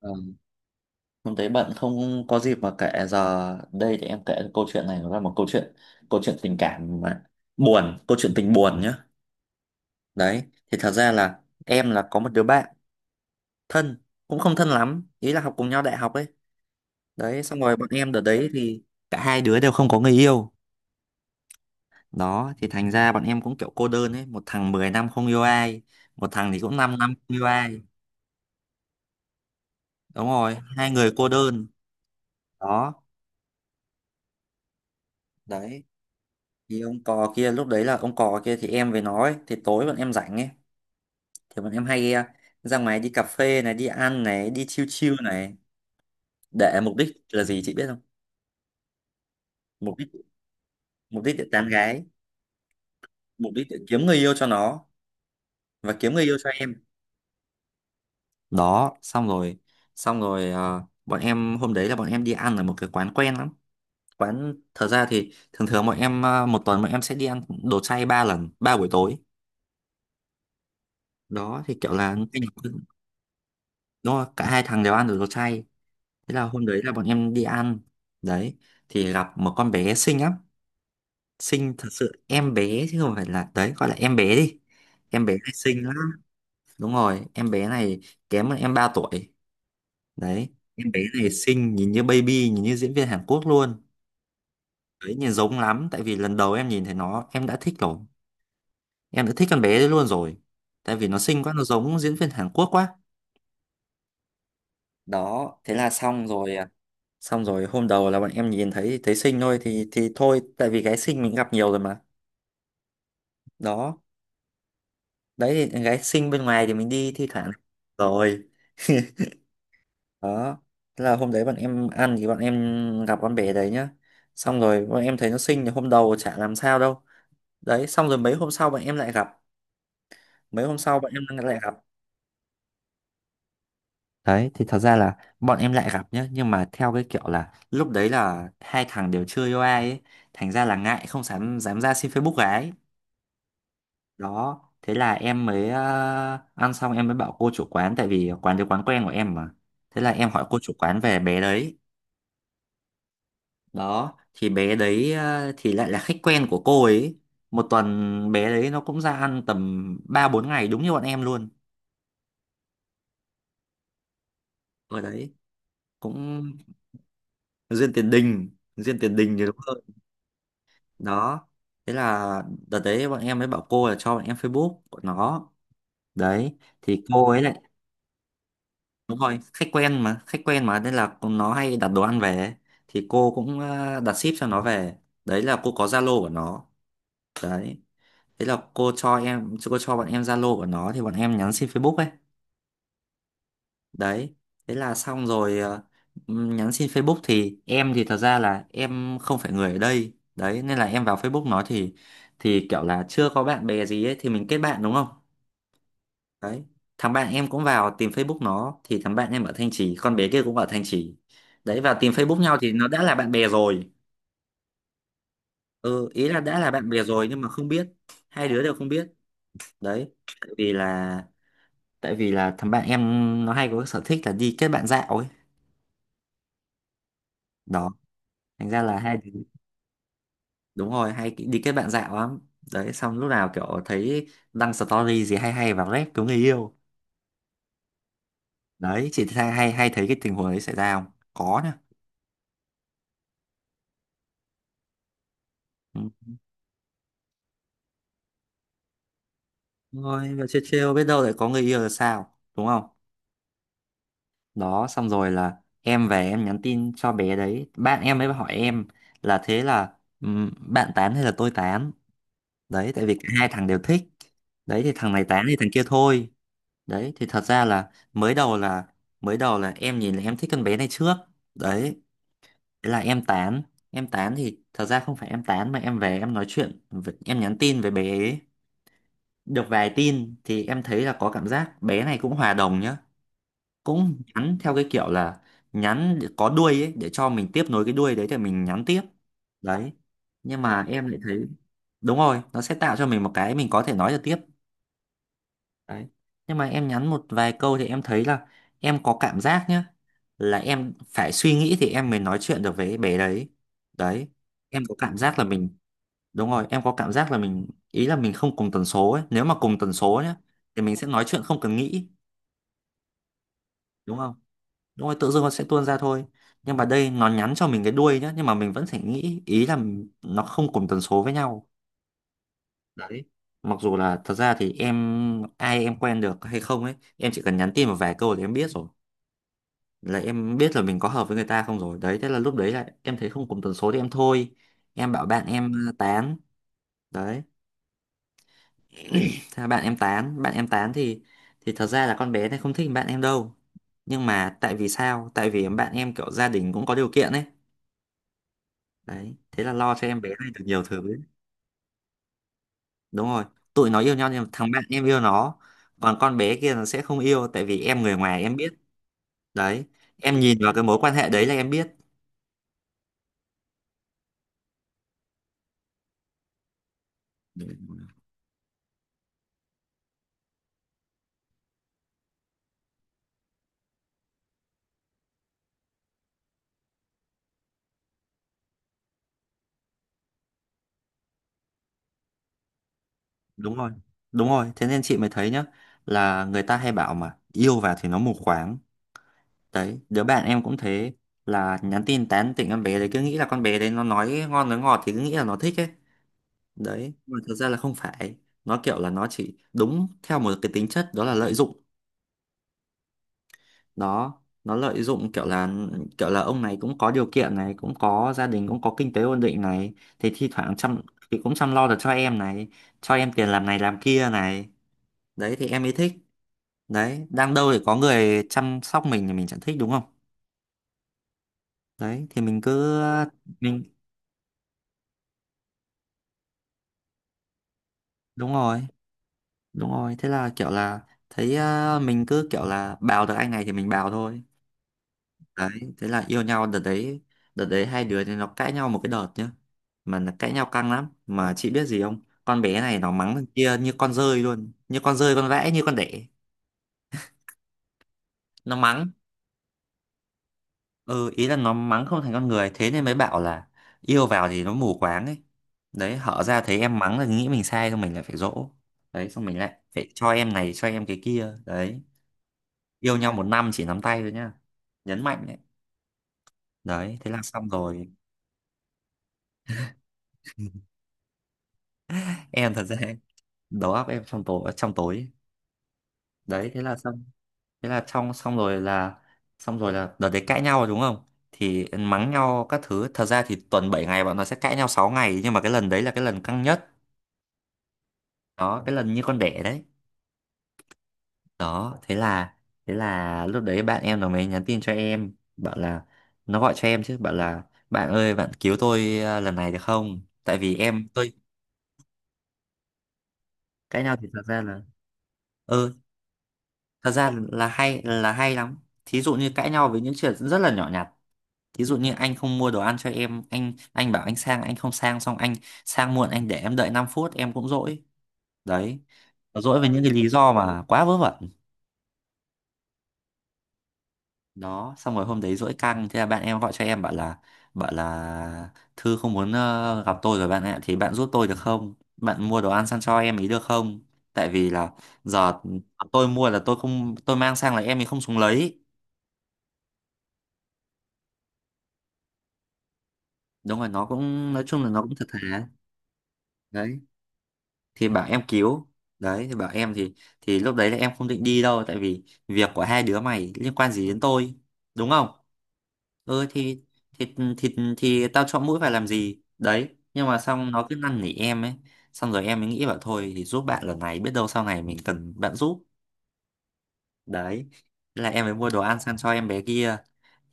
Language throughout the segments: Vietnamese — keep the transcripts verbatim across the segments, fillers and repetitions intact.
Ờ, hôm đấy bạn không có dịp mà kể giờ đây thì em kể câu chuyện này, nó là một câu chuyện câu chuyện tình cảm mà buồn, câu chuyện tình buồn nhá, đấy. Thì thật ra là em là có một đứa bạn thân, cũng không thân lắm, ý là học cùng nhau đại học ấy, đấy. Xong rồi bọn em đợt đấy thì cả hai đứa đều không có người yêu, đó. Thì thành ra bọn em cũng kiểu cô đơn ấy, một thằng mười năm không yêu ai, một thằng thì cũng 5 năm không yêu ai. Đúng rồi, hai người cô đơn. Đó, đấy thì ông cò kia, lúc đấy là ông cò kia thì em với nó ấy, thì tối bọn em rảnh ấy, thì bọn em hay eh, ra ngoài đi cà phê này, đi ăn này, đi chill chill này, để mục đích là gì chị biết không? mục đích Mục đích để tán gái, mục đích để kiếm người yêu cho nó và kiếm người yêu cho em. Đó, xong rồi, xong rồi ờ, bọn em hôm đấy là bọn em đi ăn ở một cái quán quen lắm. Quán, thật ra thì thường thường bọn em ờ, một tuần bọn em sẽ đi ăn đồ chay ba lần, ba buổi tối. Đó thì kiểu là đúng rồi, cả hai thằng đều ăn được đồ chay. Thế là hôm đấy là bọn em đi ăn, đấy, thì gặp một con bé xinh lắm. Xinh thật sự, em bé chứ không phải là, đấy gọi là em bé đi, em bé này xinh lắm. Đúng rồi, em bé này kém hơn em ba tuổi, đấy. Em bé này xinh, nhìn như baby, nhìn như diễn viên Hàn Quốc luôn, đấy, nhìn giống lắm. Tại vì lần đầu em nhìn thấy nó em đã thích rồi, em đã thích con bé đấy luôn rồi, tại vì nó xinh quá, nó giống diễn viên Hàn Quốc quá. Đó, thế là xong rồi, à, xong rồi hôm đầu là bọn em nhìn thấy, thấy xinh thôi thì thì thôi, tại vì gái xinh mình gặp nhiều rồi mà, đó. Đấy thì gái xinh bên ngoài thì mình đi thi thoảng rồi. Đó, thế là hôm đấy bọn em ăn thì bọn em gặp con bé đấy nhá, xong rồi bọn em thấy nó xinh thì hôm đầu chả làm sao đâu, đấy. Xong rồi mấy hôm sau bọn em lại gặp, mấy hôm sau bọn em lại gặp, đấy. Thì thật ra là bọn em lại gặp nhá, nhưng mà theo cái kiểu là lúc đấy là hai thằng đều chưa yêu ai ấy, thành ra là ngại không dám dám ra xin Facebook gái. Đó, thế là em mới ờ, ăn xong em mới bảo cô chủ quán, tại vì quán đấy quán quen của em mà. Thế là em hỏi cô chủ quán về bé đấy. Đó thì bé đấy ờ, thì lại là khách quen của cô ấy. Một tuần bé đấy nó cũng ra ăn tầm ba bốn ngày đúng như bọn em luôn. Ở đấy cũng duyên tiền đình, duyên tiền đình thì đúng hơn. Đó, thế là đợt đấy bọn em mới bảo cô là cho bọn em Facebook của nó, đấy, thì cô ấy lại. Đúng rồi, khách quen mà, khách quen mà, nên là nó hay đặt đồ ăn về ấy. Thì cô cũng ờ, đặt ship cho nó về. Đấy là cô có Zalo của nó. Đấy. Thế là cô cho em cô cho bọn em Zalo của nó, thì bọn em nhắn xin Facebook ấy. Đấy. Thế là xong rồi, ờ, nhắn xin Facebook, thì em, thì thật ra là em không phải người ở đây. Đấy nên là em vào Facebook nó thì thì kiểu là chưa có bạn bè gì ấy, thì mình kết bạn đúng không? Đấy. Thằng bạn em cũng vào tìm Facebook nó, thì thằng bạn em ở Thanh Trì, con bé kia cũng ở Thanh Trì, đấy. Vào tìm Facebook nhau thì nó đã là bạn bè rồi. Ừ, ý là đã là bạn bè rồi nhưng mà không biết, hai đứa đều không biết, đấy. Tại vì là, tại vì là thằng bạn em nó hay có cái sở thích là đi kết bạn dạo ấy. Đó, thành ra là hai đứa, đúng rồi, hay đi kết bạn dạo lắm. Đấy, xong lúc nào kiểu thấy đăng story gì hay hay vào rep cứu người yêu. Đấy, chị hay hay hay thấy cái tình huống đấy xảy ra không? Có nhá. Ừ. Thôi, và chill chill biết đâu lại có người yêu là sao, đúng không? Đó, xong rồi là em về em nhắn tin cho bé đấy, bạn em mới hỏi em là thế là, ừm, bạn tán hay là tôi tán? Đấy, tại vì cả hai thằng đều thích. Đấy thì thằng này tán thì thằng kia thôi. Đấy thì thật ra là mới đầu là, mới đầu là em nhìn là em thích con bé này trước. Đấy, thế là em tán. Em tán, thì thật ra không phải em tán mà em về em nói chuyện, với- em nhắn tin với bé ấy. Được vài tin thì em thấy là có cảm giác bé này cũng hòa đồng nhá, cũng nhắn theo cái kiểu là nhắn để có đuôi ấy, để cho mình tiếp nối cái đuôi đấy thì mình nhắn tiếp, đấy. Nhưng mà em lại thấy, đúng rồi, nó sẽ tạo cho mình một cái mình có thể nói được tiếp, đấy. Nhưng mà em nhắn một vài câu thì em thấy là, em có cảm giác nhá, là em phải suy nghĩ thì em mới nói chuyện được với bé đấy, đấy. Em có cảm giác là mình, đúng rồi, em có cảm giác là mình ý là mình không cùng tần số ấy. Nếu mà cùng tần số nhá thì mình sẽ nói chuyện không cần nghĩ, đúng không? Đúng rồi, tự dưng nó sẽ tuôn ra thôi. Nhưng mà đây nó nhắn cho mình cái đuôi nhá, nhưng mà mình vẫn phải nghĩ, ý là nó không cùng tần số với nhau, đấy. Mặc dù là thật ra thì em ai em quen được hay không ấy, em chỉ cần nhắn tin một vài câu thì em biết rồi. Là em biết là mình có hợp với người ta không rồi. Đấy, thế là lúc đấy là em thấy không cùng tần số thì em thôi. Em bảo bạn em ờ, tán. Đấy. Thế là bạn em tán, bạn em tán, thì thì thật ra là con bé này không thích bạn em đâu. Nhưng mà tại vì sao? Tại vì bạn em kiểu gia đình cũng có điều kiện ấy, đấy. Thế là lo cho em bé này được nhiều thứ. Đúng rồi, tụi nó yêu nhau, nhưng mà thằng bạn em yêu nó, còn con bé kia nó sẽ không yêu, tại vì em người ngoài em biết, đấy. Em nhìn vào cái mối quan hệ đấy là em biết. Đúng rồi, đúng rồi thế nên chị mới thấy nhá, là người ta hay bảo mà yêu vào thì nó mù quáng, đấy. Đứa bạn em cũng thế, là nhắn tin tán tỉnh con bé đấy, cứ nghĩ là con bé đấy nó nói ngon nói ngọt thì cứ nghĩ là nó thích ấy, đấy. Nhưng mà thật ra là không phải, nó kiểu là nó chỉ đúng theo một cái tính chất đó là lợi dụng. Đó, nó lợi dụng kiểu là, kiểu là ông này cũng có điều kiện này, cũng có gia đình, cũng có kinh tế ổn định này, thì thi thoảng chăm, thì cũng chăm lo được cho em này, cho em tiền làm này làm kia này, đấy. Thì em mới thích, đấy. Đang đâu để có người chăm sóc mình thì mình chẳng thích, đúng không? Đấy thì mình cứ mình, đúng rồi. Đúng rồi, thế là kiểu là thấy, ờ, mình cứ kiểu là bào được anh này thì mình bào thôi, đấy. Thế là yêu nhau đợt đấy. Đợt đấy hai đứa thì nó cãi nhau một cái đợt nhá, mà nó cãi nhau căng lắm. Mà chị biết gì không, con bé này nó mắng thằng kia như con dơi luôn, như con dơi con vẽ như con đẻ, nó mắng. Ừ, ý là nó mắng không thành con người, thế nên mới bảo là yêu vào thì nó mù quáng ấy, đấy. Hở ra thấy em mắng là nghĩ mình sai, xong mình lại phải dỗ, đấy. Xong mình lại phải cho em này cho em cái kia, đấy. Yêu nhau một năm chỉ nắm tay thôi nhá, nhấn mạnh đấy. Đấy, thế là xong rồi. Em thật ra đầu óc em trong tối, trong tối, đấy. Thế là xong. Thế là xong xong rồi là xong rồi là đợt đấy cãi nhau rồi, đúng không? Thì mắng nhau các thứ. Thật ra thì tuần bảy ngày bọn nó sẽ cãi nhau sáu ngày, nhưng mà cái lần đấy là cái lần căng nhất. Đó, cái lần như con đẻ đấy. Đó thế là thế là lúc đấy bạn em nó mới nhắn tin cho em, bảo là, nó gọi cho em chứ, bảo là: bạn ơi, bạn cứu tôi à, lần này được không, tại vì em tôi. Cãi nhau thì thật ra là, ừ, thật ra là hay là hay lắm. Thí dụ như cãi nhau với những chuyện rất là nhỏ nhặt. Thí dụ như anh không mua đồ ăn cho em, anh anh bảo anh sang, anh không sang, xong anh sang muộn, anh để em đợi năm phút em cũng dỗi. Đấy. Nó dỗi với những cái lý do mà quá vớ vẩn. Đó xong rồi hôm đấy dỗi căng, thế là bạn em gọi cho em bảo là, bảo là Thư không muốn, ờ, gặp tôi rồi bạn ạ, thì bạn giúp tôi được không, bạn mua đồ ăn sang cho em ý được không, tại vì là giờ tôi mua là tôi không, tôi mang sang là em ấy không xuống lấy. Đúng rồi, nó cũng nói chung là nó cũng thật thà. Đấy thì bảo em cứu. Đấy thì bảo em thì thì lúc đấy là em không định đi đâu, tại vì việc của hai đứa mày liên quan gì đến tôi, đúng không? Ừ thì thì thì thì tao chọn mũi phải làm gì đấy, nhưng mà xong nó cứ năn nỉ em ấy. Xong rồi em mới nghĩ, bảo thôi thì giúp bạn lần này, biết đâu sau này mình cần bạn giúp. Đấy. Thế là em mới mua đồ ăn sang cho em bé kia.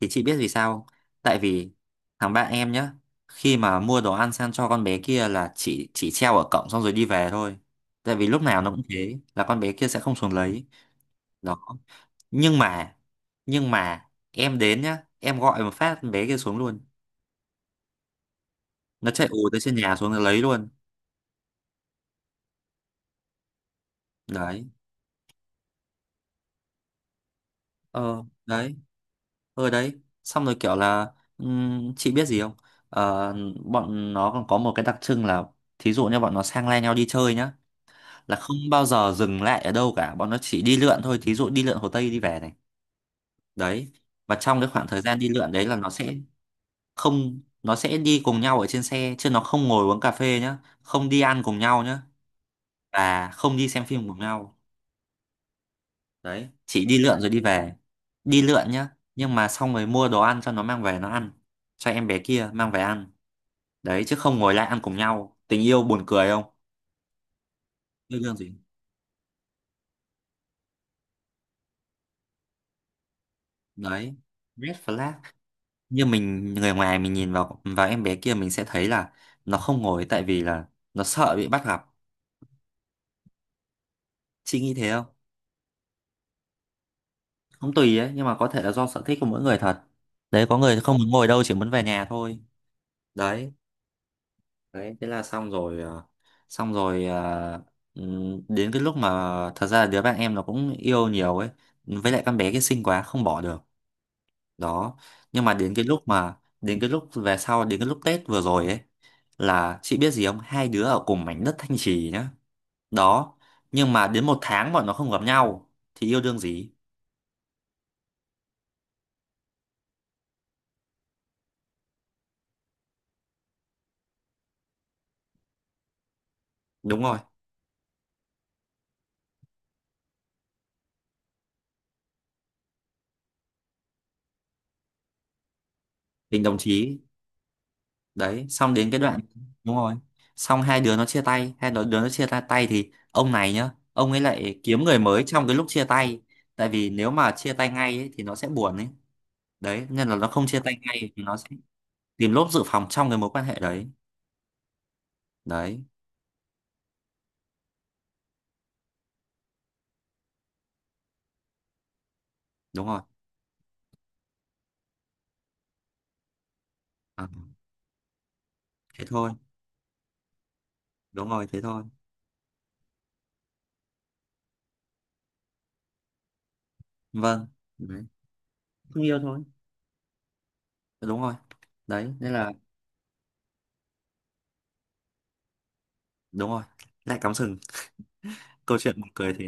Thì chị biết vì sao không? Tại vì thằng bạn em nhá, khi mà mua đồ ăn sang cho con bé kia là chỉ chỉ treo ở cổng xong rồi đi về thôi. Tại vì lúc nào nó cũng thế, là con bé kia sẽ không xuống lấy. Đó. Nhưng mà nhưng mà em đến nhá, em gọi một phát con bé kia xuống luôn. Nó chạy ù tới, trên nhà xuống nó lấy luôn. Đấy. Ờ, đấy. Ờ đấy. Xong rồi kiểu là, ừm, chị biết gì không? Ờ, bọn nó còn có một cái đặc trưng là, thí dụ như bọn nó sang lai nhau đi chơi nhá, là không bao giờ dừng lại ở đâu cả, bọn nó chỉ đi lượn thôi, thí dụ đi lượn Hồ Tây đi về này. Đấy. Và trong cái khoảng thời gian đi lượn đấy là nó sẽ không, nó sẽ đi cùng nhau ở trên xe, chứ nó không ngồi uống cà phê nhá, không đi ăn cùng nhau nhá, và không đi xem phim cùng nhau. Đấy chỉ đi lượn rồi đi về. Đi lượn nhá. Nhưng mà xong rồi mua đồ ăn cho nó mang về nó ăn, cho em bé kia mang về ăn. Đấy chứ không ngồi lại ăn cùng nhau. Tình yêu buồn cười không, yêu đương gì. Đấy red flag. Như mình người ngoài mình nhìn vào vào em bé kia, mình sẽ thấy là nó không ngồi tại vì là nó sợ bị bắt gặp. Chị nghĩ thế không? Không, tùy ấy, nhưng mà có thể là do sở thích của mỗi người thật. Đấy, có người không muốn ngồi đâu chỉ muốn về nhà thôi. Đấy. Đấy thế là xong rồi, ờ, xong rồi ờ, ừm, đến cái lúc mà thật ra là đứa bạn em nó cũng yêu nhiều ấy, với lại con bé kia xinh quá không bỏ được. Đó. Nhưng mà đến cái lúc mà đến cái lúc về sau đến cái lúc Tết vừa rồi ấy, là chị biết gì không, hai đứa ở cùng mảnh đất Thanh Trì nhá. Đó. Nhưng mà đến một tháng bọn nó không gặp nhau thì yêu đương gì. Đúng rồi, tình đồng chí. Đấy xong đến cái đoạn, đúng rồi, xong hai đứa nó chia tay, hai đứa, đứa nó chia tay tay thì ông này nhá, ông ấy lại kiếm người mới trong cái lúc chia tay. Tại vì nếu mà chia tay ngay ấy, thì nó sẽ buồn ấy. Đấy nên là nó không chia tay ngay thì nó sẽ tìm lốp dự phòng trong cái mối quan hệ đấy. Đấy đúng rồi. À, thế thôi. Đúng rồi, thế thôi. Vâng. Đấy. Không yêu thôi. Đúng rồi, đấy nên là, đúng rồi, lại cắm sừng. Câu chuyện buồn cười thế.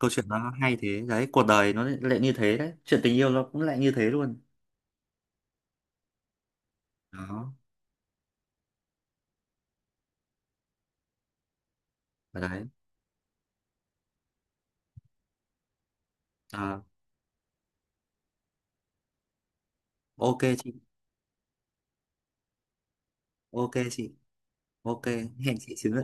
Câu chuyện nó hay thế đấy, cuộc đời nó lại như thế đấy, chuyện tình yêu nó cũng lại như thế luôn. Đó. Ở đấy. À, ok chị. Ok chị. Ok. Hẹn chị xíu nữa.